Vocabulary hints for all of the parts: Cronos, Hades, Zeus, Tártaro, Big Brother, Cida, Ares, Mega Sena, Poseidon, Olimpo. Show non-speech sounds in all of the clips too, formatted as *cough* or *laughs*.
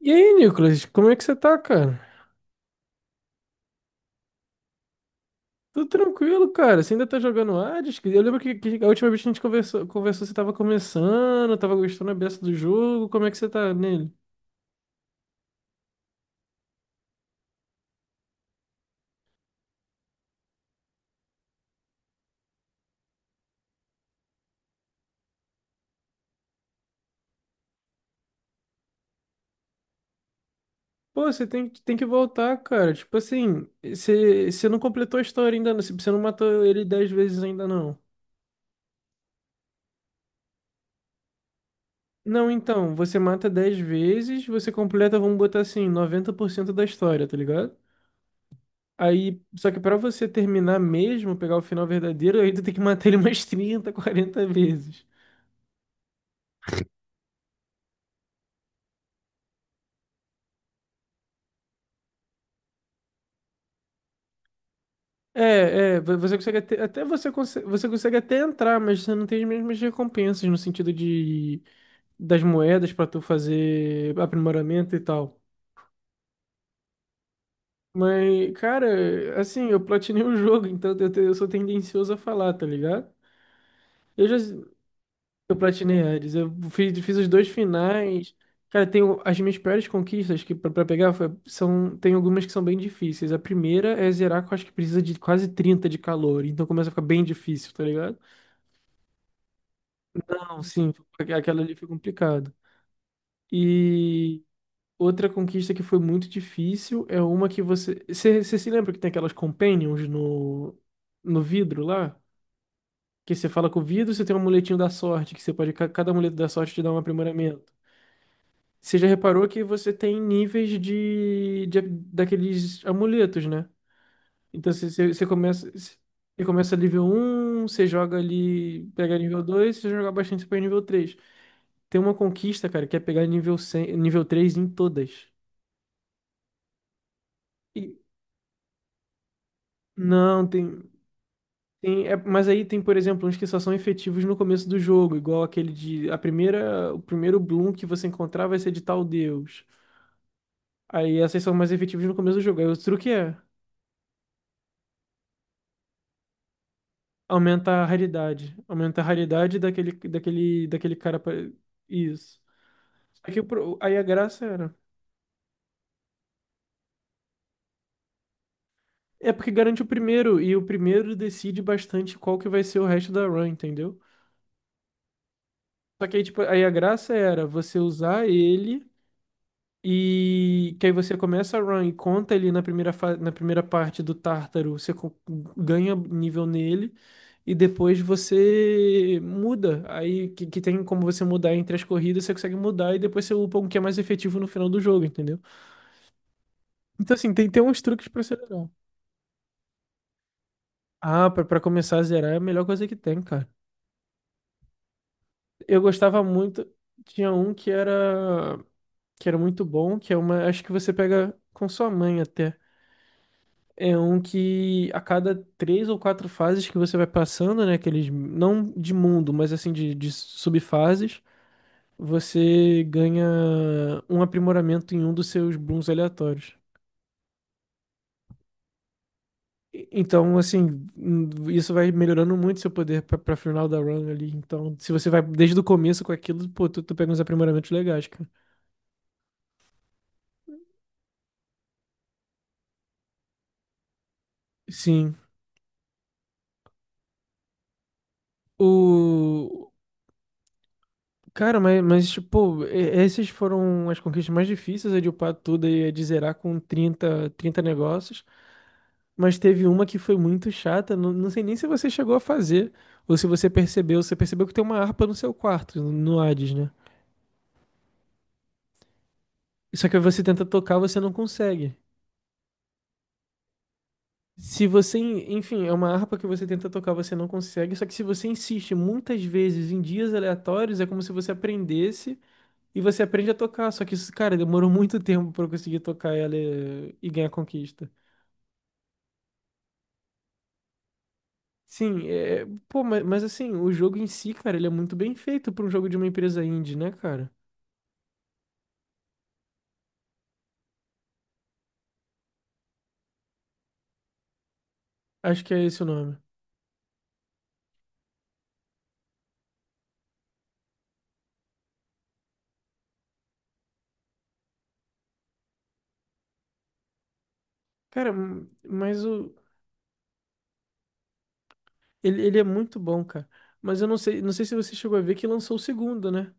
E aí, Nicolas, como é que você tá, cara? Tudo tranquilo, cara. Você ainda tá jogando Hades? Eu lembro que a última vez que a gente conversou, você tava começando, tava gostando a beça do jogo. Como é que você tá nele? Pô, você tem que voltar, cara. Tipo assim, você não completou a história ainda, não. Você não matou ele 10 vezes ainda, não. Não, então, você mata 10 vezes, você completa, vamos botar assim, 90% da história, tá ligado? Aí, só que pra você terminar mesmo, pegar o final verdadeiro, aí tu tem que matar ele *laughs* umas 30, 40 vezes. Você consegue até entrar, mas você não tem as mesmas recompensas no sentido de das moedas pra tu fazer aprimoramento e tal. Mas, cara, assim, eu platinei o jogo, então eu sou tendencioso a falar, tá ligado? Eu já eu platinei Hades, eu fiz os dois finais. Cara, tenho as minhas piores conquistas que pra pegar são tem algumas que são bem difíceis. A primeira é zerar, que eu acho que precisa de quase 30 de calor, então começa a ficar bem difícil, tá ligado? Sim, aquela ali foi complicado. E outra conquista que foi muito difícil é uma que você. Você se lembra que tem aquelas companions no vidro lá? Que você fala com o vidro, você tem um amuletinho da sorte, que você pode. Cada amuleto da sorte te dá um aprimoramento. Você já reparou que você tem níveis de daqueles amuletos, né? Então você começa. Você começa nível um, você joga ali, pega nível dois, você joga bastante, você pega nível três. Tem uma conquista, cara, que é pegar nível 100, nível 3 em todas. E não. Mas aí tem, por exemplo, uns que só são efetivos no começo do jogo, igual aquele de a primeira, o primeiro Bloom que você encontrar vai ser de tal deus. Aí essas são mais efetivas no começo do jogo. Aí o truque é aumentar a raridade daquele cara pra... isso. Só que aí a graça era. É porque garante o primeiro, e o primeiro decide bastante qual que vai ser o resto da run, entendeu? Só que aí, tipo, aí a graça era você usar ele e que aí você começa a run e conta ele na primeira parte do Tártaro, ganha nível nele e depois você muda. Aí que tem como você mudar entre as corridas, você consegue mudar e depois você upa um que é mais efetivo no final do jogo, entendeu? Então, assim, tem uns truques pra acelerar. Ah, pra começar a zerar é a melhor coisa que tem, cara. Eu gostava muito, tinha um que era. Muito bom, que é uma, acho que você pega com sua mãe até. É um que a cada três ou quatro fases que você vai passando, né, aqueles, não de mundo, mas assim de subfases, você ganha um aprimoramento em um dos seus booms aleatórios. Então, assim, isso vai melhorando muito seu poder pra final da run ali. Então, se você vai desde o começo com aquilo, pô, tu pega uns aprimoramentos legais, cara. Sim. O, Cara, mas tipo, essas foram as conquistas mais difíceis, a de upar tudo e a de zerar com trinta negócios. Mas teve uma que foi muito chata, não, não sei nem se você chegou a fazer, ou se você percebeu. Você percebeu que tem uma harpa no seu quarto, no Hades, né? Só que você tenta tocar, você não consegue. Se você, en- enfim, é uma harpa que você tenta tocar, você não consegue. Só que se você insiste muitas vezes em dias aleatórios, é como se você aprendesse. E você aprende a tocar, só que isso, cara, demorou muito tempo pra eu conseguir tocar ela e ganhar conquista. Sim, pô, mas assim, o jogo em si, cara, ele é muito bem feito pra um jogo de uma empresa indie, né, cara? Acho que é esse o nome. Cara, mas ele é muito bom, cara. Mas eu não sei se você chegou a ver que lançou o segundo, né?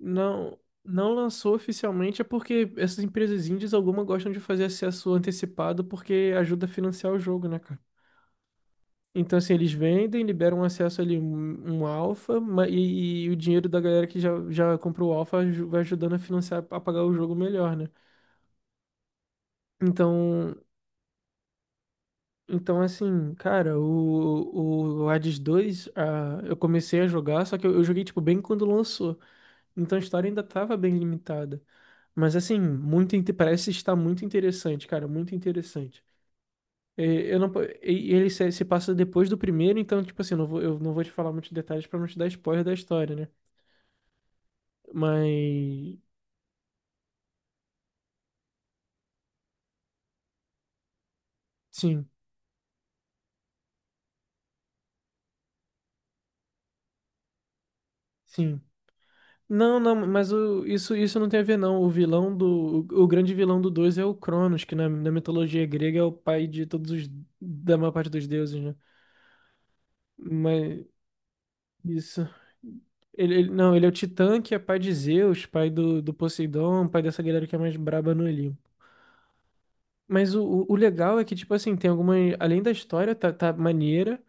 Não, não lançou oficialmente, é porque essas empresas indies, alguma gostam de fazer acesso antecipado porque ajuda a financiar o jogo, né, cara? Então, assim, eles vendem, liberam um acesso ali um alfa, e o dinheiro da galera que já comprou o alfa vai ajudando a financiar, a pagar o jogo melhor, né? Então, então assim, cara, o Hades 2 eu comecei a jogar, só que eu joguei, tipo, bem quando lançou. Então a história ainda tava bem limitada. Mas, assim, muito, parece estar muito interessante, cara, muito interessante. É, Eu não, po- e ele se passa depois do primeiro, então, tipo assim, eu não vou te falar muitos detalhes pra não te dar spoiler da história, né? Mas sim, sim. Não, não, mas isso não tem a ver, não. O vilão do. O grande vilão do 2 é o Cronos, que na mitologia grega é o pai de todos os. Da maior parte dos deuses, né? Mas isso. Ele, não, ele é o Titã, que é pai de Zeus, pai do Poseidon, pai dessa galera que é mais braba no Olimpo. Mas o legal é que, tipo assim, tem alguma. Além da história, tá maneira.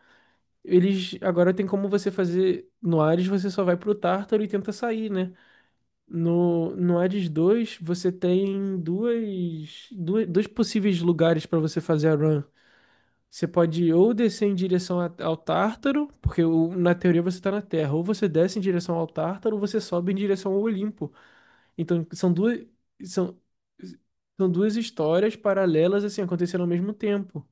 Eles. Agora tem como você fazer. No Ares, você só vai pro Tártaro e tenta sair, né? No Hades 2, você tem dois possíveis lugares para você fazer a run. Você pode ou descer em direção ao Tártaro, porque na teoria você está na Terra, ou você desce em direção ao Tártaro, ou você sobe em direção ao Olimpo. Então, são, são duas histórias paralelas, assim, acontecendo ao mesmo tempo.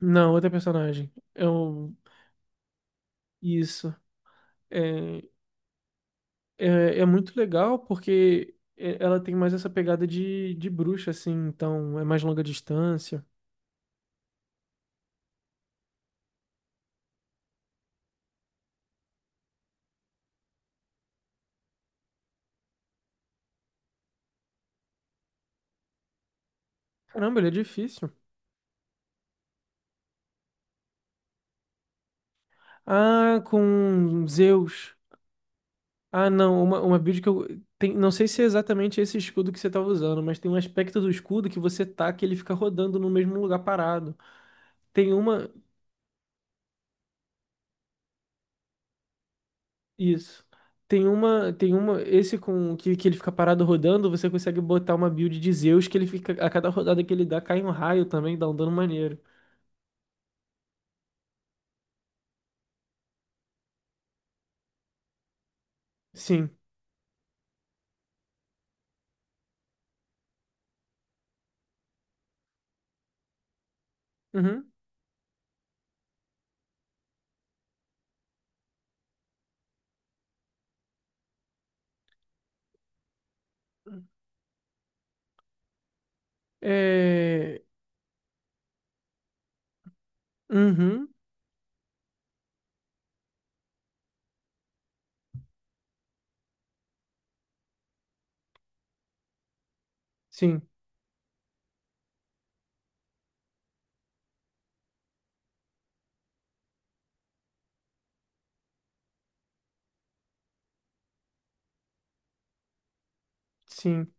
Não, outra personagem. É um, isso. É, é muito legal porque ela tem mais essa pegada de bruxa, assim, então é mais longa distância. Caramba, ele é difícil. Ah, com Zeus. Ah, não, uma build que eu. Tem, não sei se é exatamente esse escudo que você tava usando, mas tem um aspecto do escudo que você taca e ele fica rodando no mesmo lugar parado. Tem uma. Isso. Tem uma. Tem uma. Esse com que ele fica parado rodando, você consegue botar uma build de Zeus que ele fica. A cada rodada que ele dá, cai um raio também, dá um dano maneiro. Sim. Uhum. É... Uhum. Sim, sim.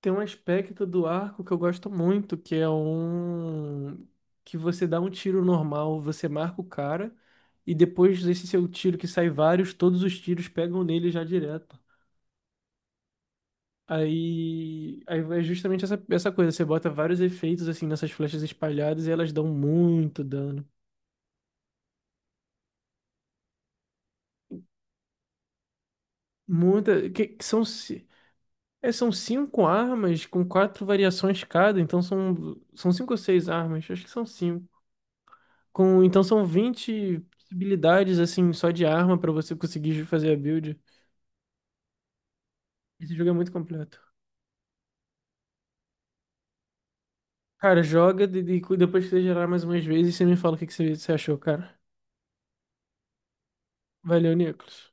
Tem um aspecto do arco que eu gosto muito, que é um... Que você dá um tiro normal, você marca o cara, e depois desse seu tiro que sai vários, todos os tiros pegam nele já direto. Aí, é justamente essa coisa, você bota vários efeitos assim nessas flechas espalhadas e elas dão muito dano. Muita. Que são. É, são cinco armas com quatro variações cada, então são cinco ou seis armas, acho que são cinco. Então são 20 possibilidades, assim, só de arma pra você conseguir fazer a build. Esse jogo é muito completo. Cara, joga e depois que você gerar mais umas vezes, você me fala o que você achou, cara. Valeu, Nicolas.